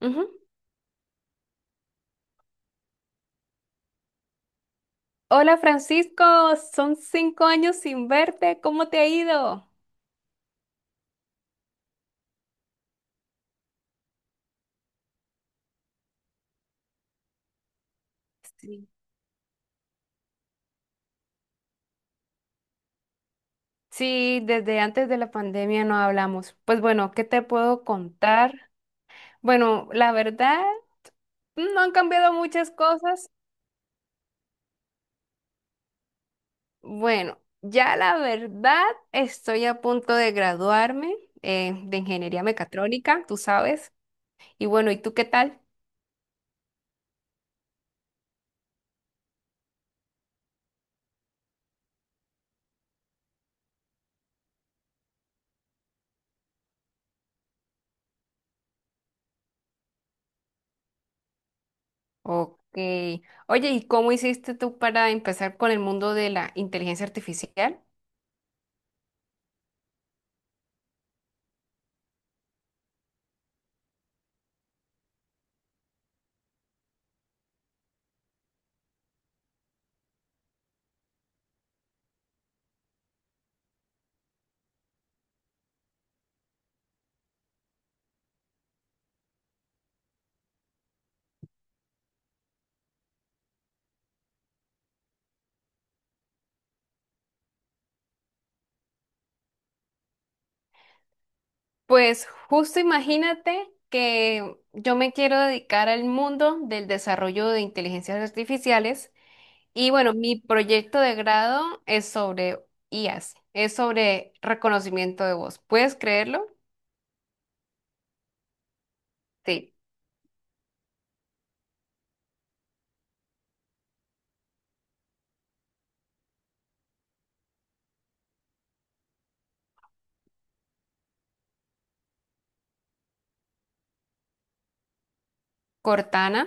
Ujú. Hola Francisco, son 5 años sin verte, ¿cómo te ha ido? Sí. Sí, desde antes de la pandemia no hablamos. Pues bueno, ¿qué te puedo contar? Bueno, la verdad, no han cambiado muchas cosas. Bueno, ya la verdad, estoy a punto de graduarme de ingeniería mecatrónica, tú sabes. Y bueno, ¿y tú qué tal? Ok. Oye, ¿y cómo hiciste tú para empezar con el mundo de la inteligencia artificial? Pues justo imagínate que yo me quiero dedicar al mundo del desarrollo de inteligencias artificiales y bueno, mi proyecto de grado es sobre IAS, es sobre reconocimiento de voz. ¿Puedes creerlo? Sí. Cortana.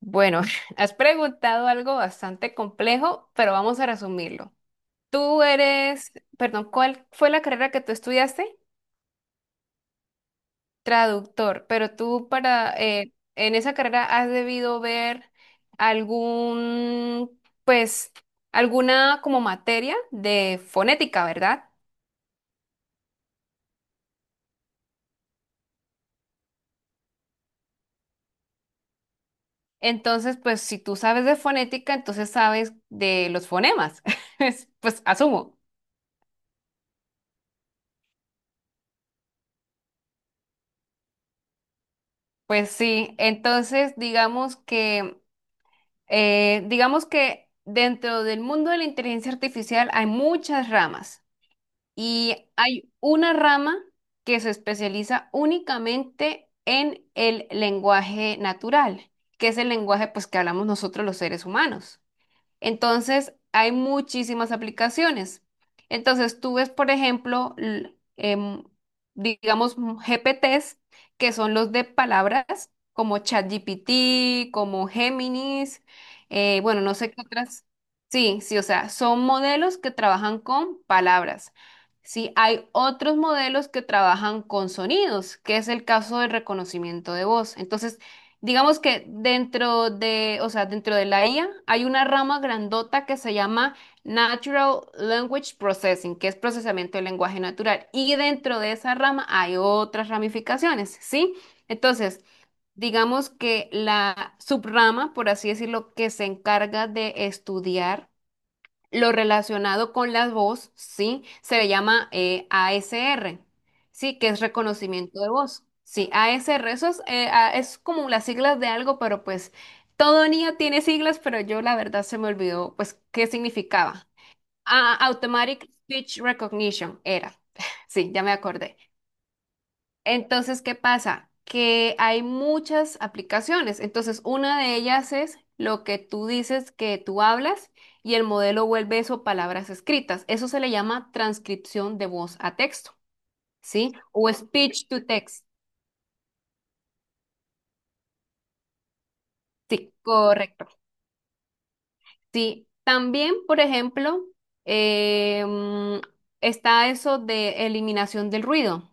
Bueno, has preguntado algo bastante complejo, pero vamos a resumirlo. Tú eres, perdón, ¿cuál fue la carrera que tú estudiaste? Traductor, pero tú para en esa carrera has debido ver algún, pues, alguna como materia de fonética, ¿verdad? Entonces, pues, si tú sabes de fonética, entonces sabes de los fonemas. Pues asumo. Pues sí. Entonces, digamos que dentro del mundo de la inteligencia artificial hay muchas ramas. Y hay una rama que se especializa únicamente en el lenguaje natural, que es el lenguaje pues que hablamos nosotros los seres humanos. Entonces, hay muchísimas aplicaciones. Entonces, tú ves, por ejemplo, digamos, GPTs, que son los de palabras, como ChatGPT, como Géminis, bueno, no sé qué otras. Sí, sí, o sea, son modelos que trabajan con palabras. Sí, hay otros modelos que trabajan con sonidos, que es el caso del reconocimiento de voz. Entonces, digamos que dentro de, o sea, dentro de la IA hay una rama grandota que se llama Natural Language Processing, que es procesamiento del lenguaje natural. Y dentro de esa rama hay otras ramificaciones, ¿sí? Entonces, digamos que la subrama, por así decirlo, que se encarga de estudiar lo relacionado con la voz, sí, se le llama ASR, sí, que es reconocimiento de voz. Sí, ASR, eso es, es como las siglas de algo, pero pues todo niño tiene siglas, pero yo la verdad se me olvidó, pues, qué significaba. Ah, Automatic Speech Recognition era. Sí, ya me acordé. Entonces, ¿qué pasa? Que hay muchas aplicaciones. Entonces, una de ellas es lo que tú dices que tú hablas y el modelo vuelve eso palabras escritas. Eso se le llama transcripción de voz a texto, ¿sí? O speech to text. Sí, correcto. Sí. También, por ejemplo, eh, mm, está eso de eliminación del ruido.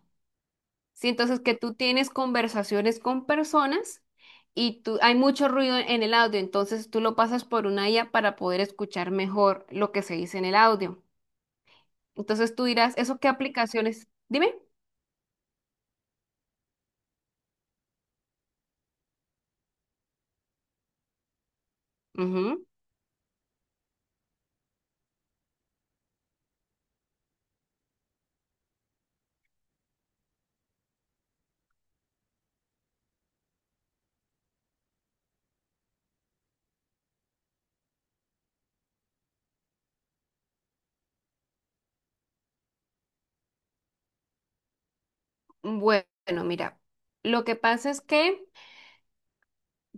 Sí, entonces que tú tienes conversaciones con personas y tú, hay mucho ruido en el audio, entonces tú lo pasas por una IA para poder escuchar mejor lo que se dice en el audio. Entonces tú dirás, ¿eso qué aplicaciones? Dime. Ujú. Bueno, mira, lo que pasa es que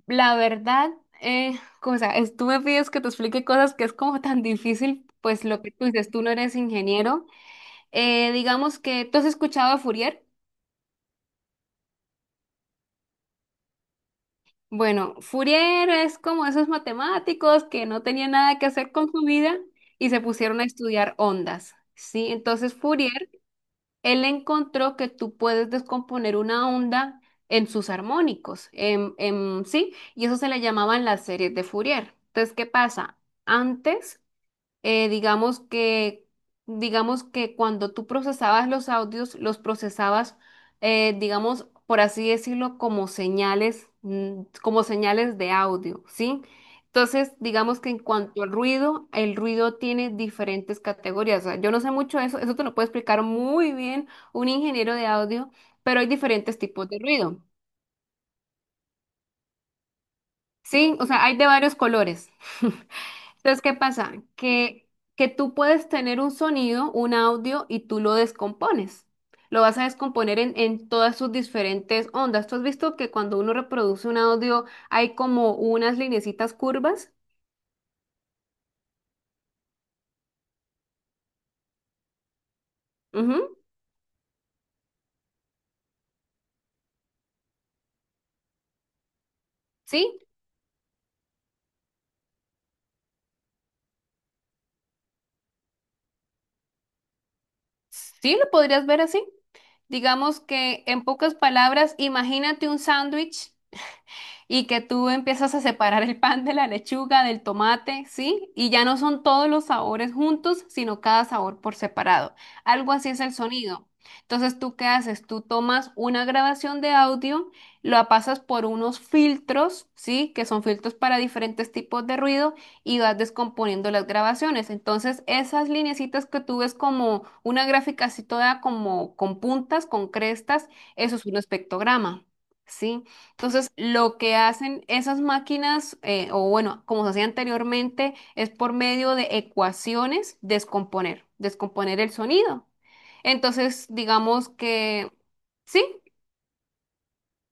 la verdad, como, o sea, tú me pides que te explique cosas que es como tan difícil, pues lo que tú dices, tú no eres ingeniero. Digamos que tú has escuchado a Fourier. Bueno, Fourier es como esos matemáticos que no tenían nada que hacer con su vida y se pusieron a estudiar ondas, ¿sí? Entonces Fourier, él encontró que tú puedes descomponer una onda en sus armónicos, en, ¿sí? Y eso se le llamaban las series de Fourier. Entonces, ¿qué pasa? Antes eh, digamos que, digamos que cuando tú procesabas los audios, los procesabas, digamos, por así decirlo, como señales de audio, ¿sí? Entonces, digamos que en cuanto al ruido, el ruido tiene diferentes categorías. O sea, yo no sé mucho de eso, eso te lo puede explicar muy bien un ingeniero de audio, pero hay diferentes tipos de ruido, ¿sí? O sea, hay de varios colores. Entonces, ¿qué pasa? Que tú puedes tener un sonido, un audio, y tú lo descompones. Lo vas a descomponer en todas sus diferentes ondas. ¿Tú has visto que cuando uno reproduce un audio hay como unas linecitas curvas? Ujú. ¿Sí? ¿Sí lo podrías ver así? Digamos que en pocas palabras, imagínate un sándwich y que tú empiezas a separar el pan de la lechuga, del tomate, ¿sí? Y ya no son todos los sabores juntos, sino cada sabor por separado. Algo así es el sonido. Entonces, ¿tú qué haces? Tú tomas una grabación de audio, lo pasas por unos filtros, ¿sí? Que son filtros para diferentes tipos de ruido y vas descomponiendo las grabaciones. Entonces, esas lineecitas que tú ves como una gráfica así toda como con puntas, con crestas, eso es un espectrograma, ¿sí? Entonces, lo que hacen esas máquinas, o bueno, como se hacía anteriormente, es por medio de ecuaciones descomponer el sonido. Entonces, digamos que sí.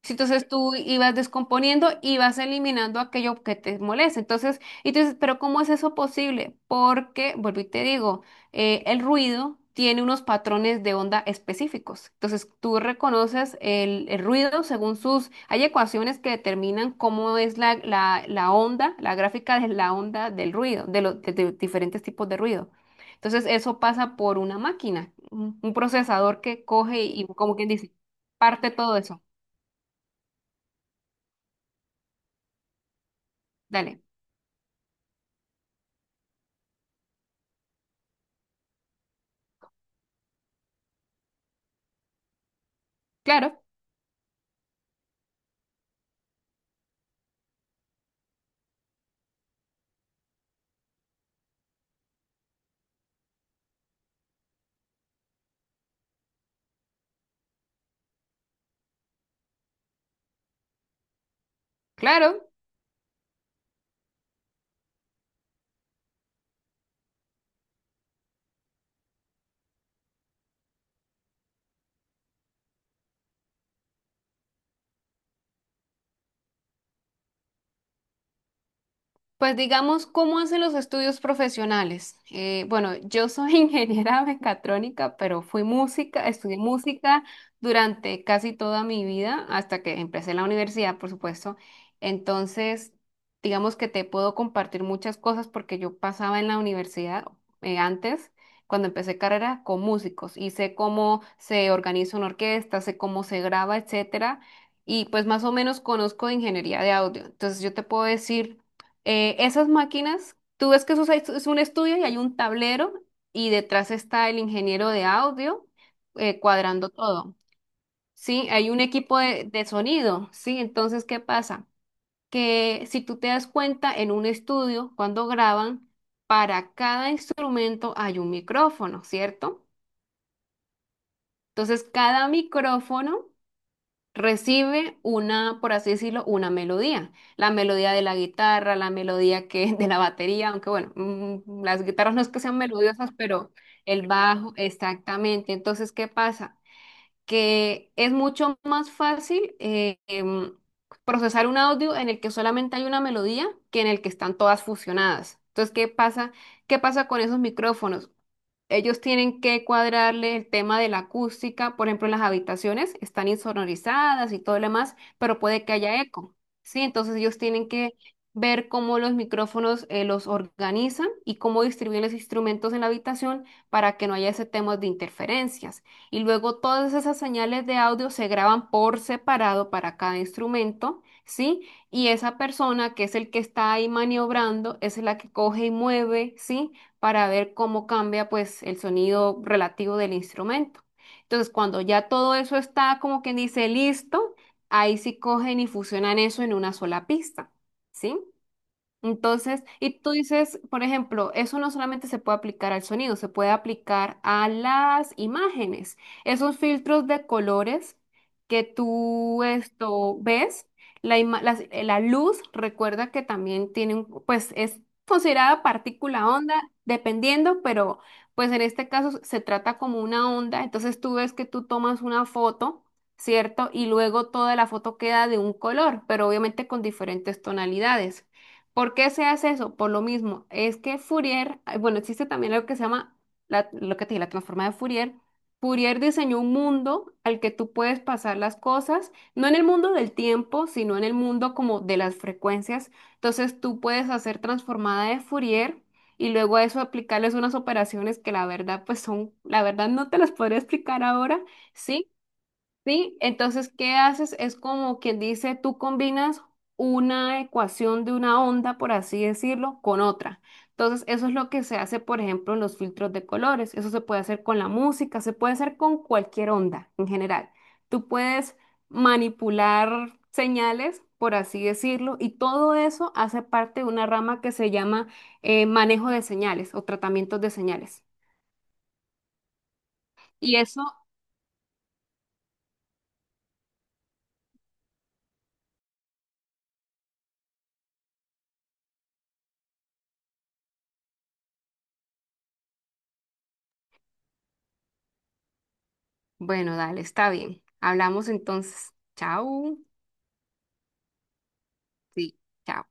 Sí, entonces tú ibas descomponiendo y vas eliminando aquello que te molesta. Entonces, y tú dices, pero ¿cómo es eso posible? Porque, vuelvo y te digo, el ruido tiene unos patrones de onda específicos. Entonces tú reconoces el ruido según sus... Hay ecuaciones que determinan cómo es la onda, la gráfica de la onda del ruido, de los diferentes tipos de ruido. Entonces eso pasa por una máquina, un procesador que coge y como quien dice, parte todo eso. Dale. Claro, claro. Pues digamos, ¿cómo hacen los estudios profesionales? Bueno, yo soy ingeniera mecatrónica, pero fui música, estudié música durante casi toda mi vida, hasta que empecé la universidad, por supuesto. Entonces, digamos que te puedo compartir muchas cosas porque yo pasaba en la universidad antes, cuando empecé carrera, con músicos y sé cómo se organiza una orquesta, sé cómo se graba, etcétera. Y pues más o menos conozco de ingeniería de audio. Entonces, yo te puedo decir esas máquinas, tú ves que eso es un estudio y hay un tablero y detrás está el ingeniero de audio cuadrando todo. Sí, hay un equipo de sonido, ¿sí? Entonces, ¿qué pasa? Que si tú te das cuenta en un estudio, cuando graban, para cada instrumento hay un micrófono, ¿cierto? Entonces, cada micrófono recibe una, por así decirlo, una melodía. La melodía de la guitarra, la melodía que, de la batería, aunque bueno, mm, las guitarras no es que sean melodiosas, pero el bajo, exactamente. Entonces, ¿qué pasa? Que es mucho más fácil procesar un audio en el que solamente hay una melodía que en el que están todas fusionadas. Entonces, ¿qué pasa? ¿Qué pasa con esos micrófonos? Ellos tienen que cuadrarle el tema de la acústica, por ejemplo, en las habitaciones están insonorizadas y todo lo demás, pero puede que haya eco, ¿sí? Entonces ellos tienen que ver cómo los micrófonos los organizan y cómo distribuyen los instrumentos en la habitación para que no haya ese tema de interferencias. Y luego todas esas señales de audio se graban por separado para cada instrumento, ¿sí? Y esa persona que es el que está ahí maniobrando es la que coge y mueve, ¿sí? Para ver cómo cambia pues el sonido relativo del instrumento. Entonces, cuando ya todo eso está como quien dice listo, ahí sí cogen y fusionan eso en una sola pista, ¿sí? Entonces, y tú dices, por ejemplo, eso no solamente se puede aplicar al sonido, se puede aplicar a las imágenes. Esos filtros de colores que tú esto ves, la luz, recuerda que también tiene un, pues es considerada partícula onda, dependiendo, pero pues en este caso se trata como una onda. Entonces tú ves que tú tomas una foto. ¿Cierto? Y luego toda la foto queda de un color, pero obviamente con diferentes tonalidades. ¿Por qué se hace eso? Por lo mismo, es que Fourier, ay, bueno, existe también algo que se llama la, lo que te dije, la transforma de Fourier. Fourier diseñó un mundo al que tú puedes pasar las cosas, no en el mundo del tiempo, sino en el mundo como de las frecuencias. Entonces tú puedes hacer transformada de Fourier y luego a eso aplicarles unas operaciones que la verdad, pues son, la verdad no te las podría explicar ahora, ¿sí? Sí, entonces, ¿qué haces? Es como quien dice, tú combinas una ecuación de una onda, por así decirlo, con otra. Entonces, eso es lo que se hace, por ejemplo, en los filtros de colores. Eso se puede hacer con la música, se puede hacer con cualquier onda en general. Tú puedes manipular señales, por así decirlo, y todo eso hace parte de una rama que se llama manejo de señales o tratamientos de señales. Y eso, bueno, dale, está bien. Hablamos entonces. Chao. Sí, chao.